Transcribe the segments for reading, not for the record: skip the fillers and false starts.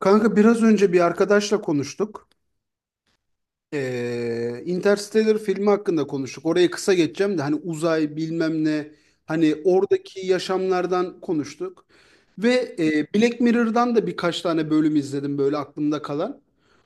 Kanka biraz önce bir arkadaşla konuştuk. Interstellar filmi hakkında konuştuk. Oraya kısa geçeceğim de hani uzay bilmem ne hani oradaki yaşamlardan konuştuk. Black Mirror'dan da birkaç tane bölüm izledim böyle aklımda kalan.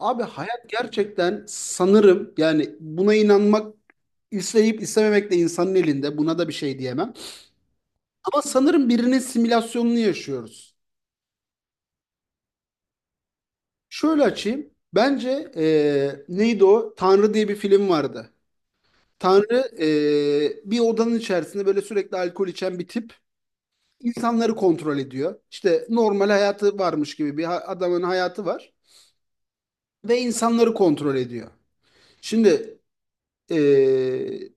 Abi hayat gerçekten sanırım yani buna inanmak isteyip istememek de insanın elinde. Buna da bir şey diyemem. Ama sanırım birinin simülasyonunu yaşıyoruz. Şöyle açayım. Bence neydi o? Tanrı diye bir film vardı. Tanrı bir odanın içerisinde böyle sürekli alkol içen bir tip insanları kontrol ediyor. İşte normal hayatı varmış gibi adamın hayatı var ve insanları kontrol ediyor. Şimdi Ee,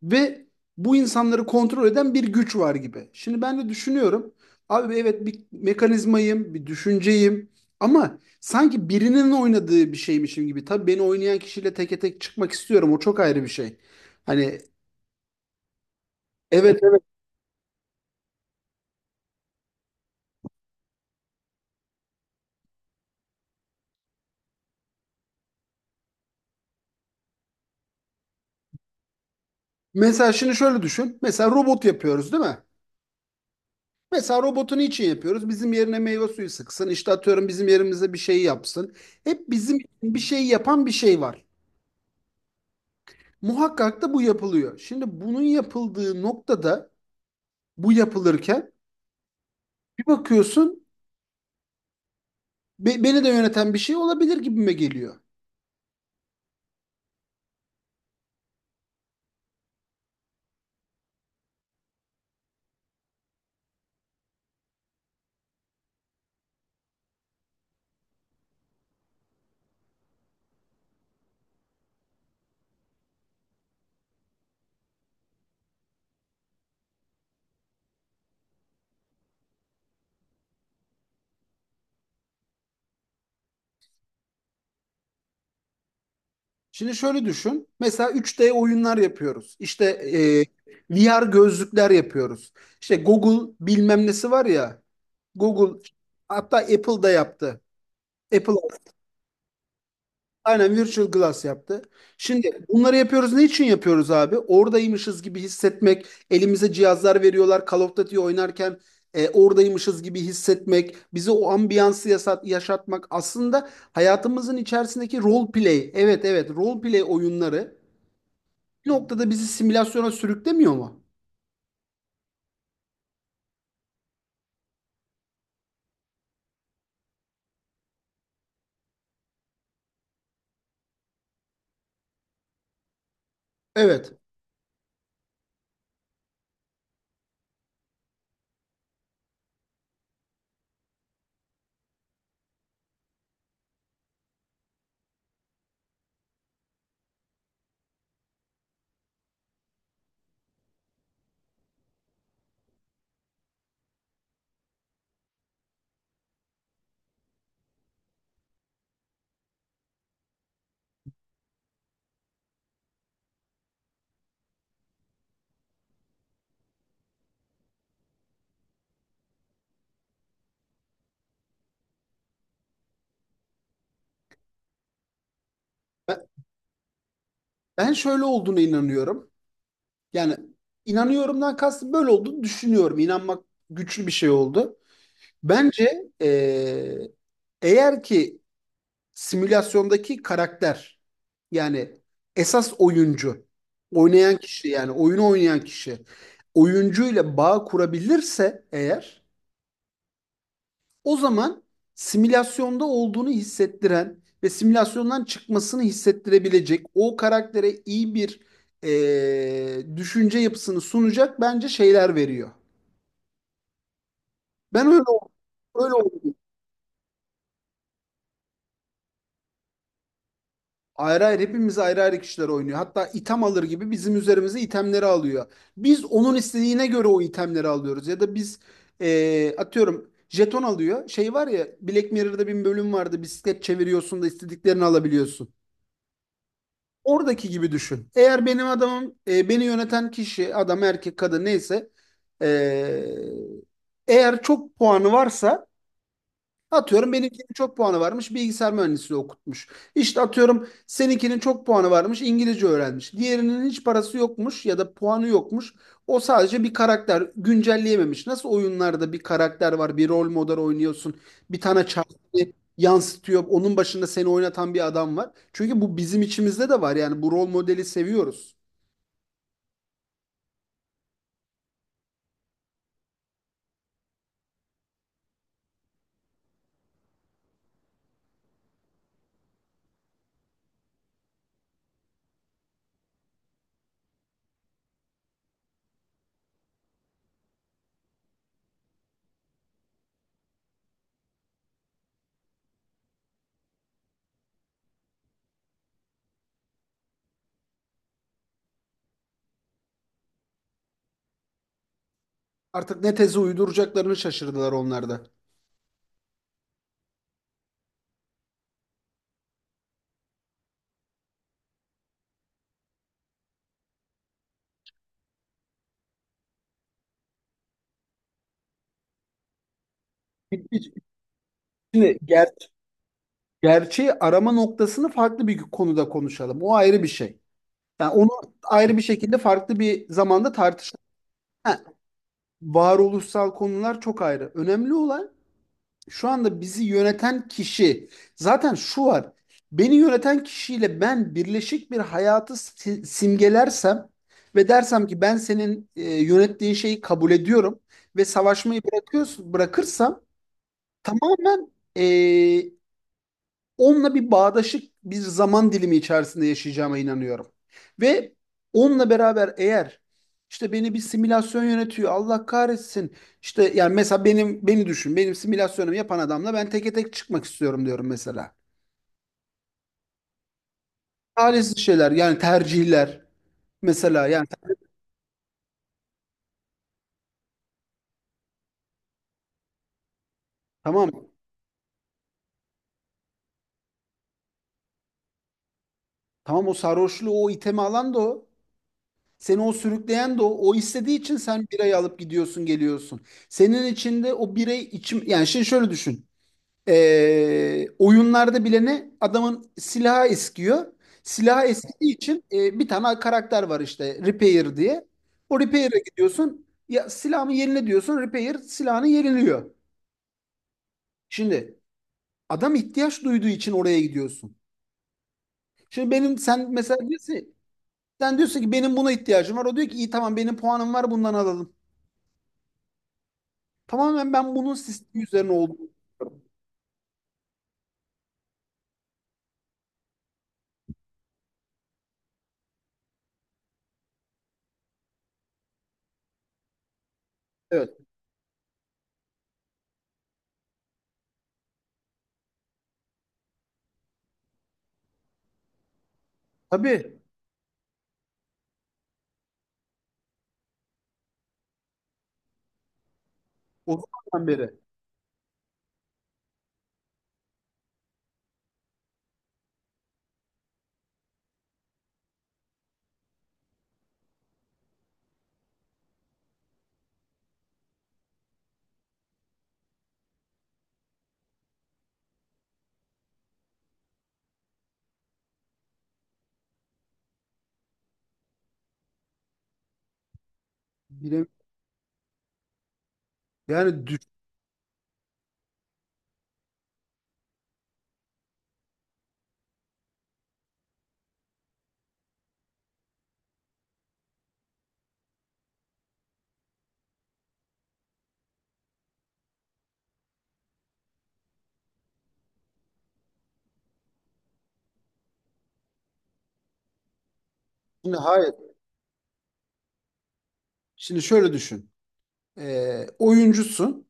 ve bu insanları kontrol eden bir güç var gibi. Şimdi ben de düşünüyorum. Abi evet bir mekanizmayım, bir düşünceyim ama sanki birinin oynadığı bir şeymişim gibi. Tabii beni oynayan kişiyle teke tek çıkmak istiyorum. O çok ayrı bir şey. Hani evet, evet. Mesela şimdi şöyle düşün. Mesela robot yapıyoruz değil mi? Mesela robotu niçin yapıyoruz? Bizim yerine meyve suyu sıksın. İşte atıyorum bizim yerimize bir şey yapsın. Hep bizim için bir şey yapan bir şey var. Muhakkak da bu yapılıyor. Şimdi bunun yapıldığı noktada bu yapılırken bir bakıyorsun beni de yöneten bir şey olabilir gibime geliyor. Şimdi şöyle düşün. Mesela 3D oyunlar yapıyoruz. İşte VR gözlükler yapıyoruz. İşte Google bilmem nesi var ya. Google hatta Apple da yaptı. Apple aynen Virtual Glass yaptı. Şimdi bunları yapıyoruz. Ne için yapıyoruz abi? Oradaymışız gibi hissetmek. Elimize cihazlar veriyorlar. Call of Duty oynarken oradaymışız gibi hissetmek. Bize o ambiyansı yaşatmak. Aslında hayatımızın içerisindeki role play. Evet, evet, role play oyunları bir noktada bizi simülasyona sürüklemiyor mu? Evet. Ben, ben şöyle olduğuna inanıyorum. Yani inanıyorumdan kastım böyle olduğunu düşünüyorum. İnanmak güçlü bir şey oldu. Bence eğer ki simülasyondaki karakter yani esas oyuncu, oynayan kişi yani oyunu oynayan kişi oyuncuyla bağ kurabilirse eğer o zaman simülasyonda olduğunu hissettiren ve simülasyondan çıkmasını hissettirebilecek o karaktere iyi bir düşünce yapısını sunacak bence şeyler veriyor. Ben öyle öyle ayrı ayrı hepimiz ayrı ayrı kişiler oynuyor. Hatta item alır gibi bizim üzerimize itemleri alıyor. Biz onun istediğine göre o itemleri alıyoruz. Ya da biz atıyorum jeton alıyor. Şey var ya Black Mirror'da bir bölüm vardı. Bisiklet çeviriyorsun da istediklerini alabiliyorsun. Oradaki gibi düşün. Eğer benim adamım beni yöneten kişi adam erkek kadın neyse eee, eğer çok puanı varsa atıyorum benimkinin çok puanı varmış, bilgisayar mühendisliği okutmuş. İşte atıyorum seninkinin çok puanı varmış, İngilizce öğrenmiş. Diğerinin hiç parası yokmuş ya da puanı yokmuş. O sadece bir karakter güncelleyememiş. Nasıl oyunlarda bir karakter var, bir rol model oynuyorsun. Bir tane çarpı yansıtıyor. Onun başında seni oynatan bir adam var. Çünkü bu bizim içimizde de var, yani bu rol modeli seviyoruz. Artık ne tezi uyduracaklarını şaşırdılar onlarda. Şimdi ger Gerçeği arama noktasını farklı bir konuda konuşalım. O ayrı bir şey. Yani onu ayrı bir şekilde farklı bir zamanda tartışalım. Ha, varoluşsal konular çok ayrı. Önemli olan şu anda bizi yöneten kişi. Zaten şu var. Beni yöneten kişiyle ben birleşik bir hayatı simgelersem ve dersem ki ben senin yönettiğin şeyi kabul ediyorum ve savaşmayı bırakıyorsun, bırakırsam tamamen e, onunla bir bağdaşık bir zaman dilimi içerisinde yaşayacağıma inanıyorum. Ve onunla beraber eğer işte beni bir simülasyon yönetiyor Allah kahretsin işte yani mesela benim beni düşün benim simülasyonumu yapan adamla ben teke tek çıkmak istiyorum diyorum mesela. Talihsiz şeyler yani tercihler mesela yani tamam, tamam, o sarhoşluğu o itemi alan da o. Seni o sürükleyen de o. O istediği için sen birayı alıp gidiyorsun geliyorsun. Senin içinde o birey içim yani şey şöyle düşün. Oyunlarda bile ne? Adamın silahı eskiyor. Silahı eskidiği için bir tane karakter var işte Repair diye. O Repair'e gidiyorsun. Ya silahımı yenile diyorsun. Repair silahını yeniliyor. Şimdi adam ihtiyaç duyduğu için oraya gidiyorsun. Şimdi benim sen mesela diyorsun, sen diyorsun ki benim buna ihtiyacım var. O diyor ki iyi tamam benim puanım var bundan alalım. Tamamen ben bunun sistemi üzerine oldum. Evet. Tabii. O zamandan beri. Bilemiyorum. Yani düşün, hayır. Şimdi şöyle düşün. Oyuncusun.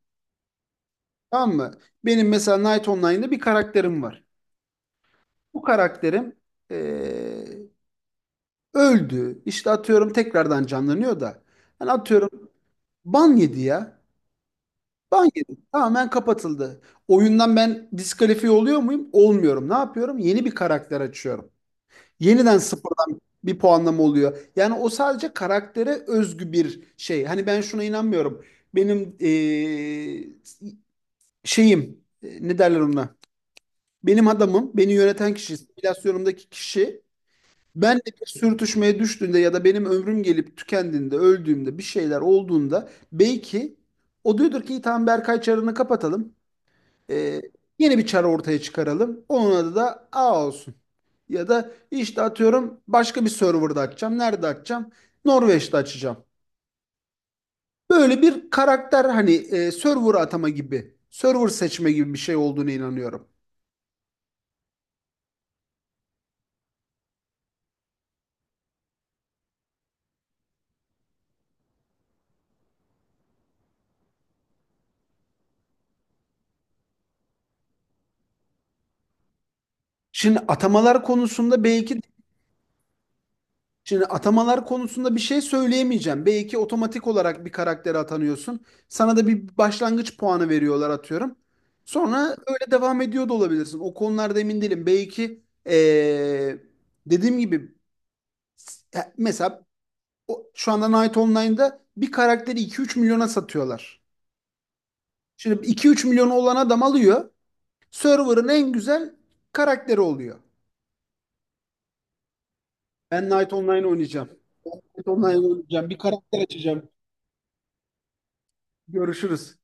Tamam mı? Benim mesela Night Online'da bir karakterim var. Bu karakterim ee, öldü. İşte atıyorum tekrardan canlanıyor da. Hani atıyorum ban yedi ya. Ban yedi. Tamamen kapatıldı. Oyundan ben diskalifiye oluyor muyum? Olmuyorum. Ne yapıyorum? Yeni bir karakter açıyorum. Yeniden sıfırdan bir puanlama oluyor. Yani o sadece karaktere özgü bir şey. Hani ben şuna inanmıyorum. Benim şeyim ne derler ona? Benim adamım, beni yöneten kişi, simülasyonumdaki kişi benle bir sürtüşmeye düştüğünde ya da benim ömrüm gelip tükendiğinde, öldüğümde bir şeyler olduğunda belki o diyordur ki "İyi, tamam Berkay çarını kapatalım. Eee, yeni bir çar ortaya çıkaralım. Onun adı da A olsun. Ya da işte atıyorum başka bir serverda açacağım. Nerede açacağım? Norveç'te açacağım." Böyle bir karakter hani server atama gibi, server seçme gibi bir şey olduğunu inanıyorum. Şimdi atamalar konusunda belki şimdi atamalar konusunda bir şey söyleyemeyeceğim. Belki otomatik olarak bir karaktere atanıyorsun. Sana da bir başlangıç puanı veriyorlar atıyorum. Sonra öyle devam ediyor da olabilirsin. O konularda emin değilim. Belki dediğim gibi ya mesela şu anda Knight Online'da bir karakteri 2-3 milyona satıyorlar. Şimdi 2-3 milyonu olan adam alıyor. Server'ın en güzel karakteri oluyor. Ben Knight Online oynayacağım. Ben Knight Online oynayacağım. Bir karakter açacağım. Görüşürüz.